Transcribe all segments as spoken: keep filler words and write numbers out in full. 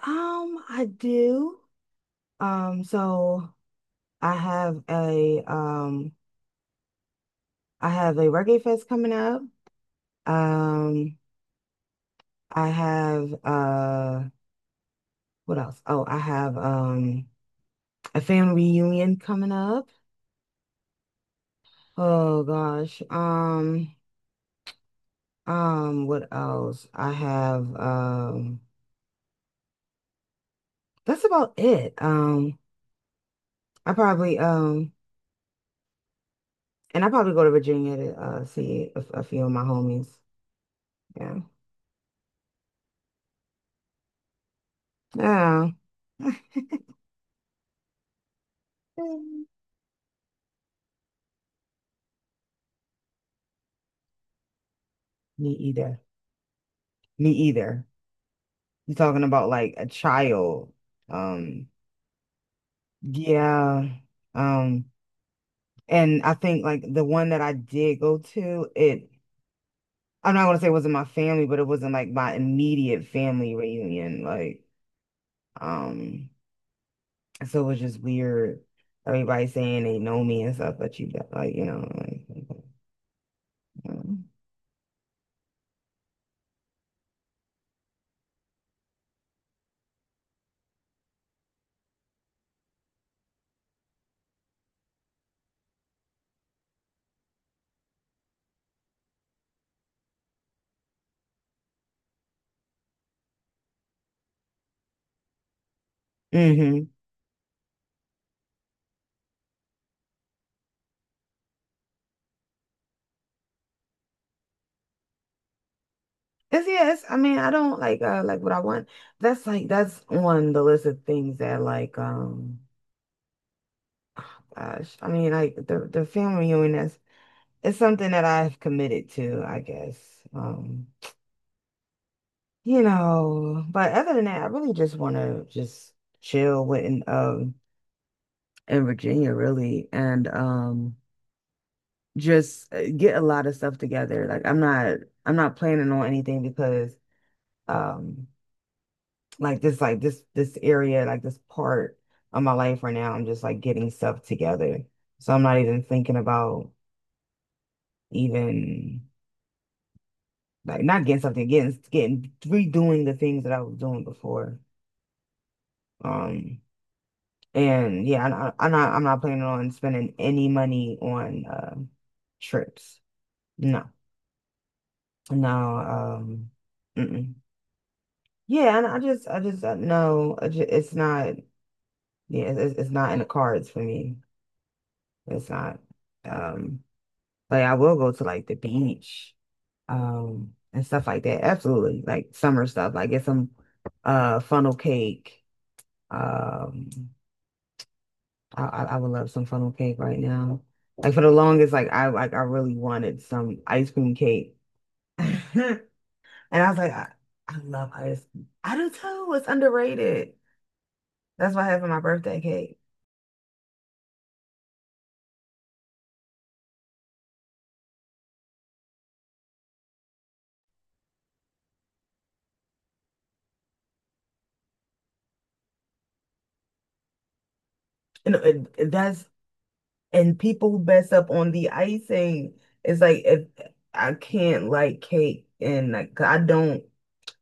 Um, I do. Um, so I have a um I have a Reggae Fest coming up. Um, I have uh What else? Oh, I have um a family reunion coming up. Oh gosh. Um, um, what else? I have um That's about it. Um, I probably um and I probably go to Virginia to uh see a, a few of my homies. Yeah. Yeah. Me either. Me either. You're talking about like a child. Um, yeah. Um, and I think like the one that I did go to, it I'm not gonna say it wasn't my family, but it wasn't like my immediate family reunion. Like, um, so it was just weird. Everybody saying they know me and stuff, but you don't, like, you know, like, mm-hmm. It's yes. I mean, I don't like uh like what I want. That's like that's on the list of things that like um. Gosh, I mean, like the the family reunion is it's something that I've committed to, I guess. Um, you know, but other than that, I really just want to just chill with in um in Virginia, really, and um just uh, get a lot of stuff together. Like I'm not I'm not planning on anything because um like this like this this area like this part of my life right now, I'm just like getting stuff together. So I'm not even thinking about even. Like not getting something, getting getting redoing the things that I was doing before. Um, and yeah, I, I- am not I'm not planning on spending any money on uh, trips. No, no. Um, mm-mm. Yeah, and I just I just uh, no, I ju- it's not. Yeah, it's, it's it's not in the cards for me. It's not. Um, like I will go to like the beach, um, and stuff like that. Absolutely, like summer stuff. Like get some uh funnel cake. Um, I, I I would love some funnel cake right now. Like for the longest, like I like I really wanted some ice cream cake, and I was like, I, I love ice cream. I do too. It's underrated. That's why I have for my birthday cake. And it- it- that's and people mess up on the icing. It's like if I can't like cake and like 'cause I don't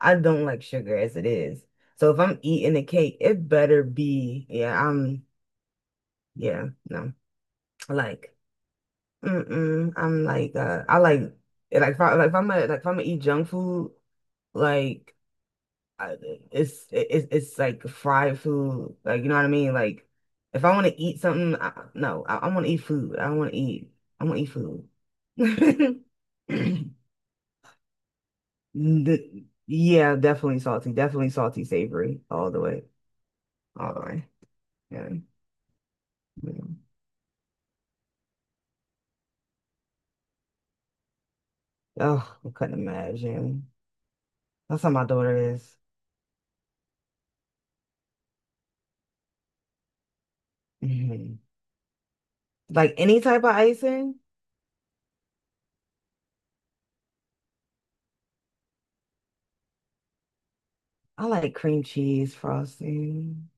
I don't like sugar as it is. So if I'm eating a cake, it better be, yeah. I'm, yeah, no, like. Mm-mm. I'm like uh, I like like if I like if I'm a, like if I'm gonna eat junk food like I, it's it's it's like fried food like you know what I mean, like if I want to eat something I, no I, I want to eat food I want to eat I want to eat food. The- yeah, definitely salty, definitely salty, savory all the way, all the way, yeah, yeah. Oh, I couldn't imagine. That's how my daughter is. Mhm. Like any type of icing. I like cream cheese frosting.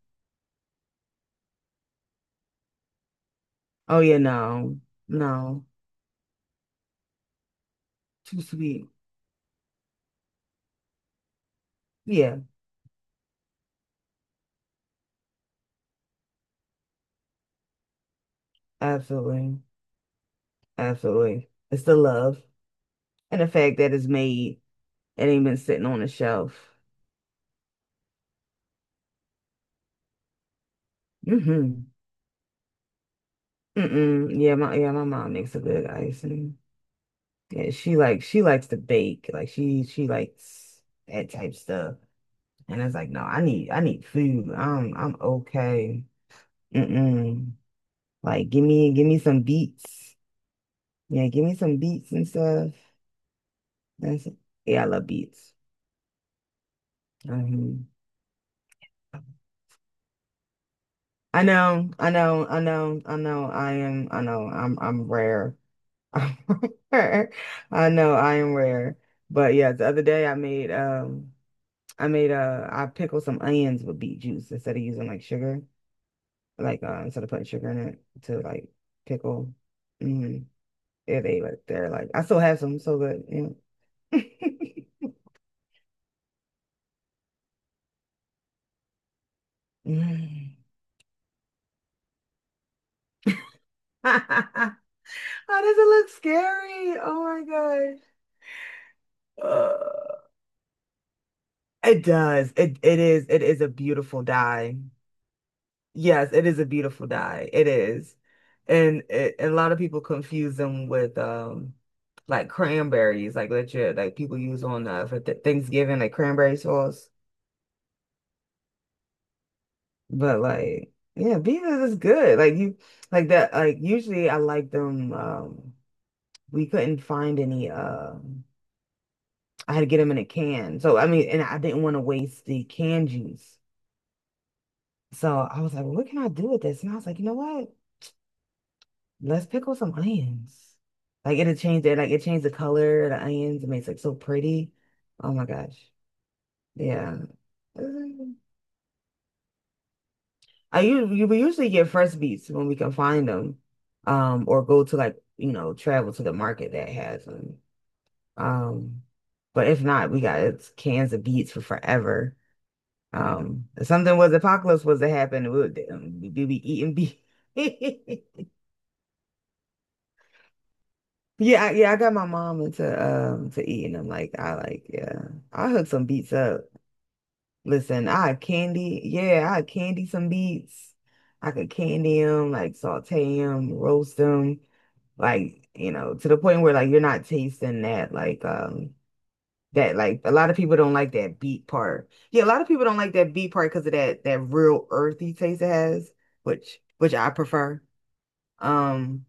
Oh yeah, no, no, too sweet. Yeah, absolutely, absolutely. It's the love, and the fact that it's made and ain't been sitting on the shelf. Mm-hmm. Mm-mm. Yeah, my yeah, my mom makes a good icing. Yeah, she like she likes to bake. Like she she likes that type stuff. And it's like, no, I need I need food. I'm I'm okay. Mm-mm. Like give me give me some beets. Yeah, give me some beats and stuff. That's Yeah, I love beats. Mhm. I know, I know, I know, I know. I am, I know. I'm, I'm rare. I'm rare. I know I am rare. But yeah, the other day I made, um, I made uh, I pickled some onions with beet juice instead of using like sugar, like uh, instead of putting sugar in it to like pickle. Hmm. Yeah, they like they're like, I still have some, so good. Yeah. Mm. How does it look scary? Oh my gosh. Uh, it does. It it is it is a beautiful dye. Yes, it is a beautiful dye. It is. And it, and a lot of people confuse them with um like cranberries, like legit, like people use on uh, for th Thanksgiving, like cranberry sauce. But like, yeah, beavers is good. Like you like that like usually I like them, um we couldn't find any, um I had to get them in a can. So I mean, and I didn't want to waste the canned juice. So I was like, well, what can I do with this? And I was like, you know what? Let's pickle some onions. Like it'll change it, like it changed the color of the onions. It makes it so pretty. Oh my gosh. Yeah. Mm. I usually We usually get fresh beets when we can find them. Um, or go to like, you know, travel to the market that has them. Um, but if not, we got it's cans of beets for forever. Um, if something was apocalypse was to happen, would um, we be eating beef? Yeah, I, yeah, I got my mom into um to eating them. Like I like, yeah, I hook some beets up. Listen, I had candy, yeah, I had candy some beets. I could candy them, like saute them, roast them, like you know, to the point where like you're not tasting that like um That like a lot of people don't like that beet part. Yeah, a lot of people don't like that beet part because of that that real earthy taste it has, which which I prefer. Um,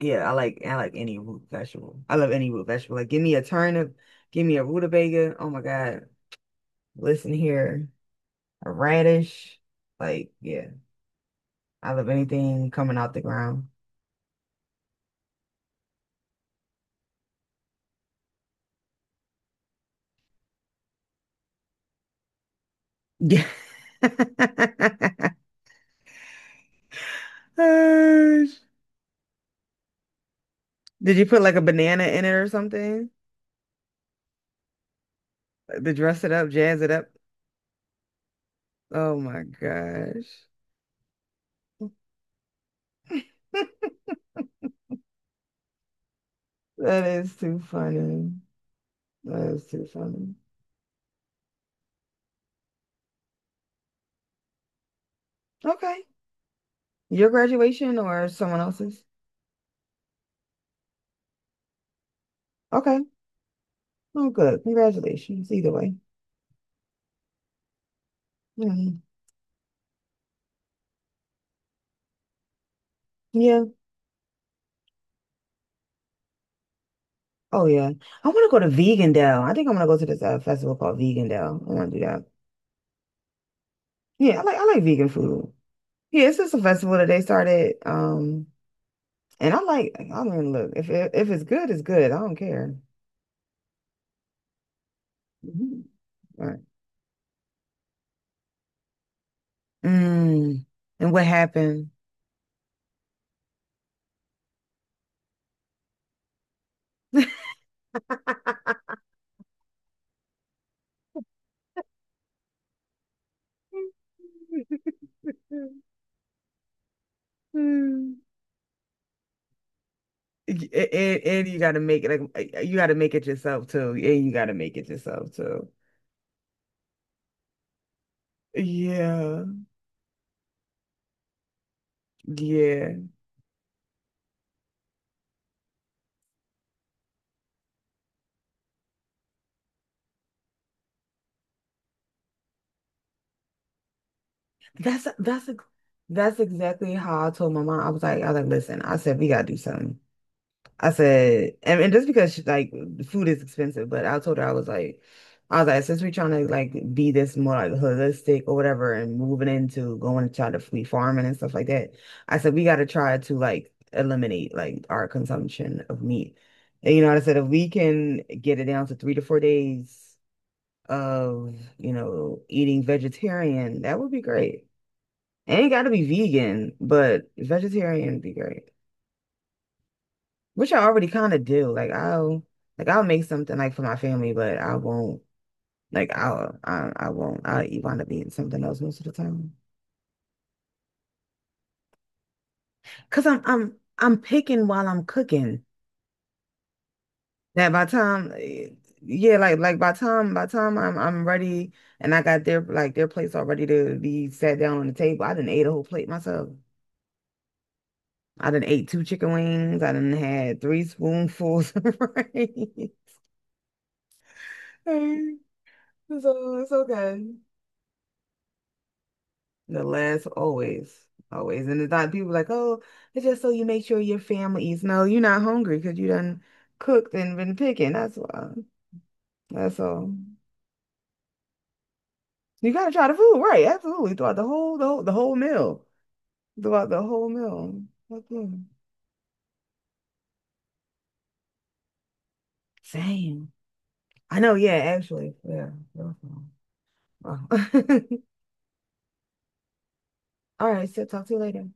yeah, I like I like any root vegetable. I love any root vegetable. Like give me a turnip, give me a rutabaga. Oh my God. Listen here, a radish. Like, yeah, I love anything coming out the ground. Yeah. Gosh. Did you put like a banana in it or something? Like, to dress it up, jazz it up? Oh my gosh. That is too funny. That is too funny. Okay. Your graduation or someone else's? Okay. Oh, good. Congratulations. Either way. Mm. Yeah. Oh, yeah. I want to go to Vegandale. I think I'm gonna go to this uh, festival called Vegandale. I want to do that. Yeah, I like I like vegan food. Yeah, it's just a festival that they started. Um, and I like. I mean, look, if it, if it's good, it's good. I don't care. Mhm. Right. Mm. And what happened? And, and you got to make it like you got to make it yourself too, and you got to make it yourself too. Yeah, yeah. That's that's that's exactly how I told my mom. I was like, I was like, listen, I said we gotta do something. I said, and, and just because she, like food is expensive, but I told her I was like, I was like, since we're trying to like be this more like holistic or whatever, and moving into going to try to free farming and stuff like that, I said we got to try to like eliminate like our consumption of meat. And you know, I said if we can get it down to three to four days of you know eating vegetarian, that would be great. Ain't got to be vegan, but vegetarian would be great. Which I already kind of do. Like I'll like I'll make something like for my family, but I won't like I'll I, I won't I'll wind up eating something else most of the time. Cause I'm I'm I'm picking while I'm cooking. That by time eh, Yeah, like like by time by time I'm I'm ready, and I got their like their plates all ready to be sat down on the table. I didn't ate a whole plate myself. I didn't ate two chicken wings. I didn't had three spoonfuls of rice. So it's okay. The last always, always. And it's not people like, oh, it's just so you make sure your family eats. No, you're not hungry because you done cooked and been picking. That's why. That's all. You gotta try the food, right? Absolutely. Throughout the whole, the whole, the whole meal. Throughout the whole meal. Okay. Same. I know, yeah, actually. Yeah. Wow. All right, so talk to you later.